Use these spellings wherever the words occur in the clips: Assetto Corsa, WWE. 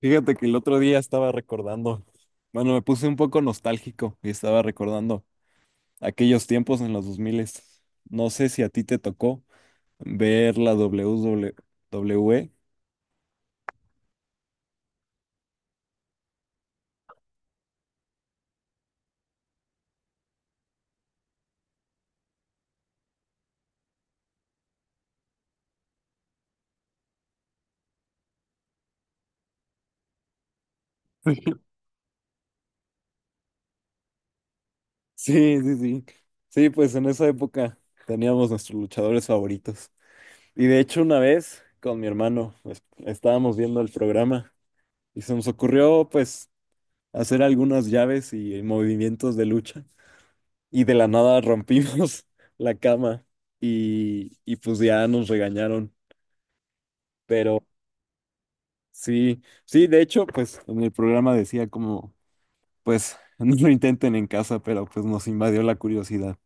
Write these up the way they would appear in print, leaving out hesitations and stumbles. Fíjate que el otro día estaba recordando, bueno, me puse un poco nostálgico y estaba recordando aquellos tiempos en los 2000. No sé si a ti te tocó ver la WWE. Sí, sí, sí. Sí, pues en esa época teníamos nuestros luchadores favoritos. Y de hecho una vez con mi hermano pues, estábamos viendo el programa y se nos ocurrió pues hacer algunas llaves y movimientos de lucha. Y de la nada rompimos la cama y pues ya nos regañaron. Pero sí, sí, de hecho, pues en el programa decía como, pues no lo intenten en casa, pero pues nos invadió la curiosidad.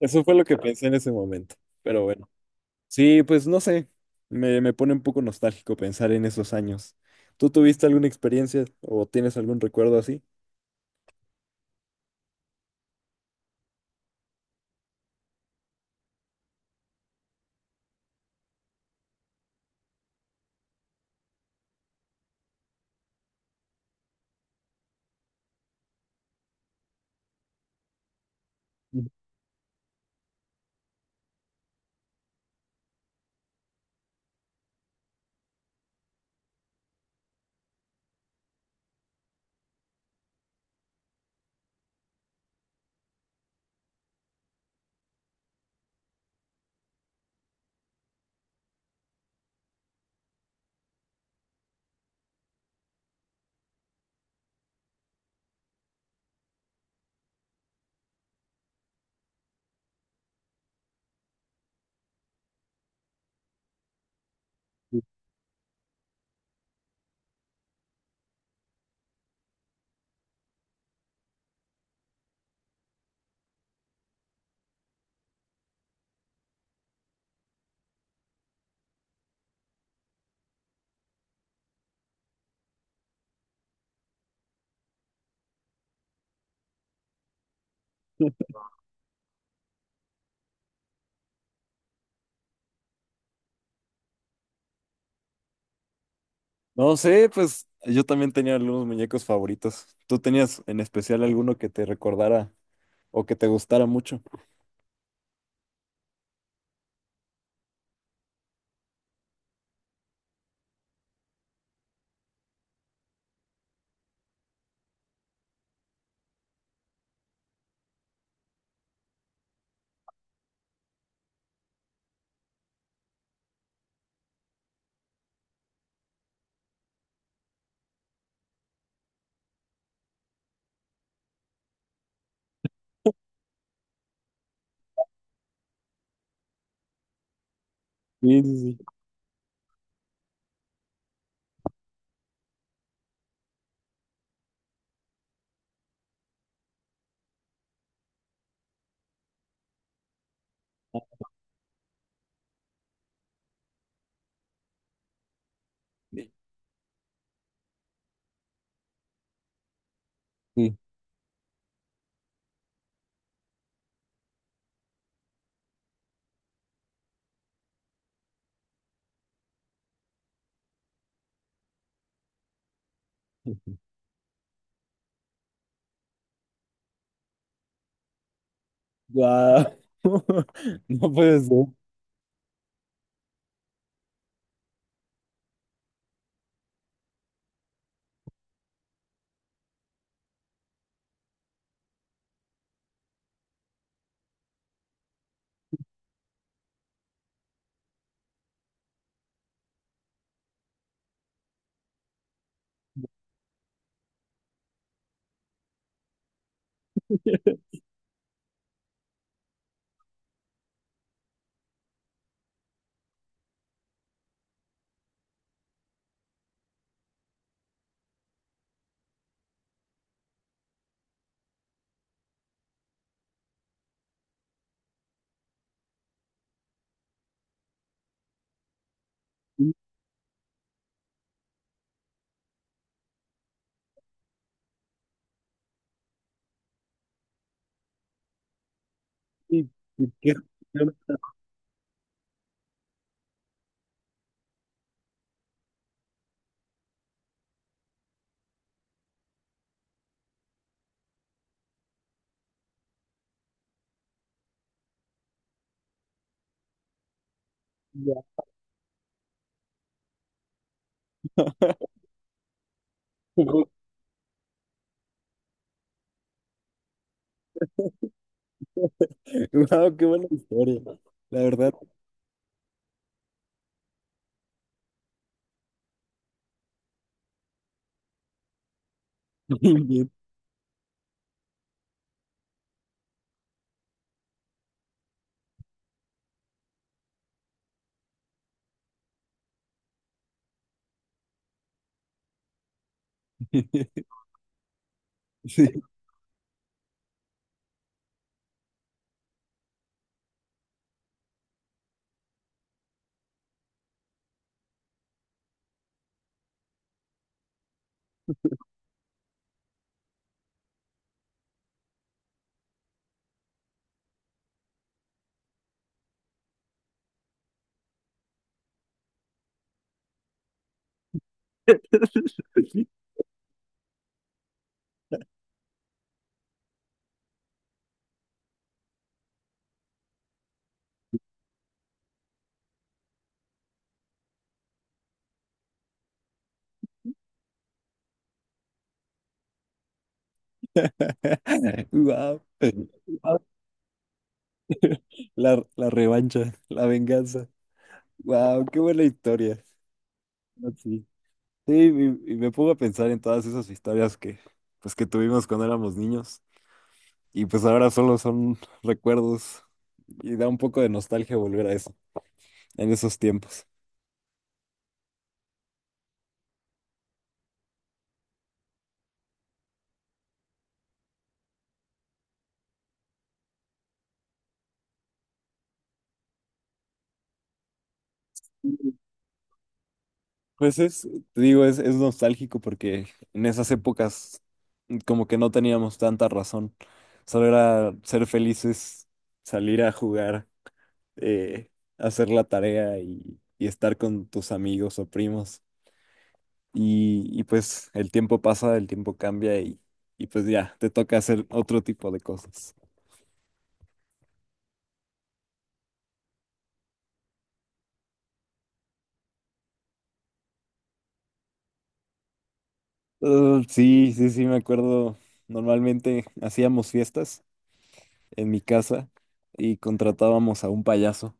Eso fue lo que pensé en ese momento, pero bueno. Sí, pues no sé, me pone un poco nostálgico pensar en esos años. ¿Tú tuviste alguna experiencia o tienes algún recuerdo así? Ujú. No sé, pues yo también tenía algunos muñecos favoritos. ¿Tú tenías en especial alguno que te recordara o que te gustara mucho? Sí, sí, sí. Sí. Guau. No puede ser. Sí, sí, sí, qué- Guau, guau, qué buena historia. La verdad. Bien. Sí. Guau. La revancha, la venganza. Wow, qué buena historia. Así. Sí, y me pongo a pensar en todas esas historias que, pues, que tuvimos cuando éramos niños y pues ahora solo son recuerdos y da un poco de nostalgia volver a eso, en esos tiempos. Pues es, te digo, es nostálgico porque en esas épocas como que no teníamos tanta razón, solo era ser felices, salir a jugar, eh, hacer la tarea y estar con tus amigos o primos. Y pues el tiempo pasa, el tiempo cambia y pues ya, te toca hacer otro tipo de cosas. Sí, sí, sí, me acuerdo. Normalmente hacíamos fiestas en mi casa y contratábamos a un payaso.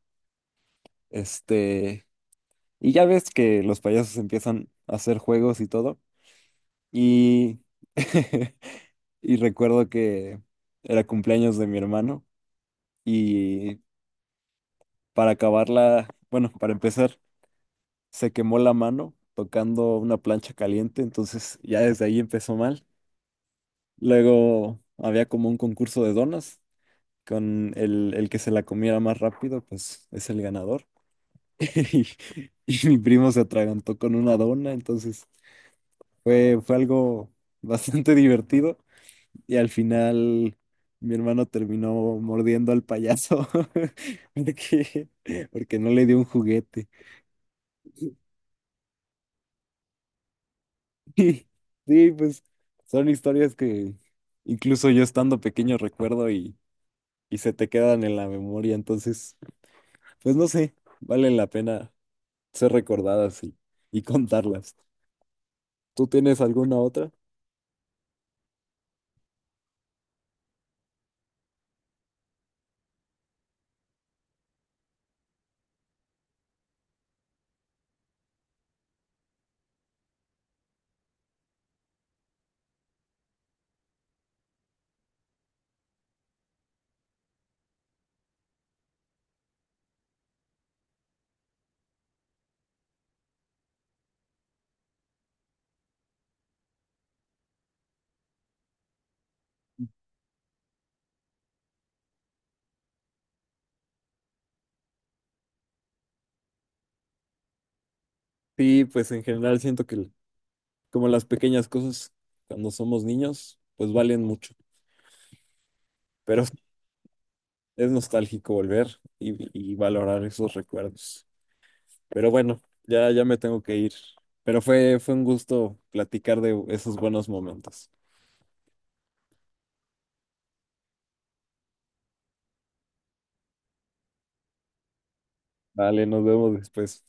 Este, y ya ves que los payasos empiezan a hacer juegos y todo. Y, y recuerdo que era cumpleaños de mi hermano y para acabarla, bueno, para empezar, se quemó la mano tocando una plancha caliente, entonces ya desde ahí empezó mal. Luego había como un concurso de donas, con el que se la comiera más rápido, pues es el ganador. Y, y mi primo se atragantó con una dona, entonces fue, fue algo bastante divertido. Y al final mi hermano terminó mordiendo al payaso porque, porque no le dio un juguete. Sí, sí, pues son historias que incluso yo estando pequeño recuerdo y se te quedan en la memoria, entonces, pues no sé, valen la pena ser recordadas y contarlas. ¿Tú tienes alguna otra? Sí, pues en general siento que como las pequeñas cosas cuando somos niños, pues valen mucho, pero es nostálgico volver y valorar esos recuerdos. Pero bueno, ya, ya me tengo que ir. Pero fue, fue un gusto platicar de esos buenos momentos. Vale, nos vemos después.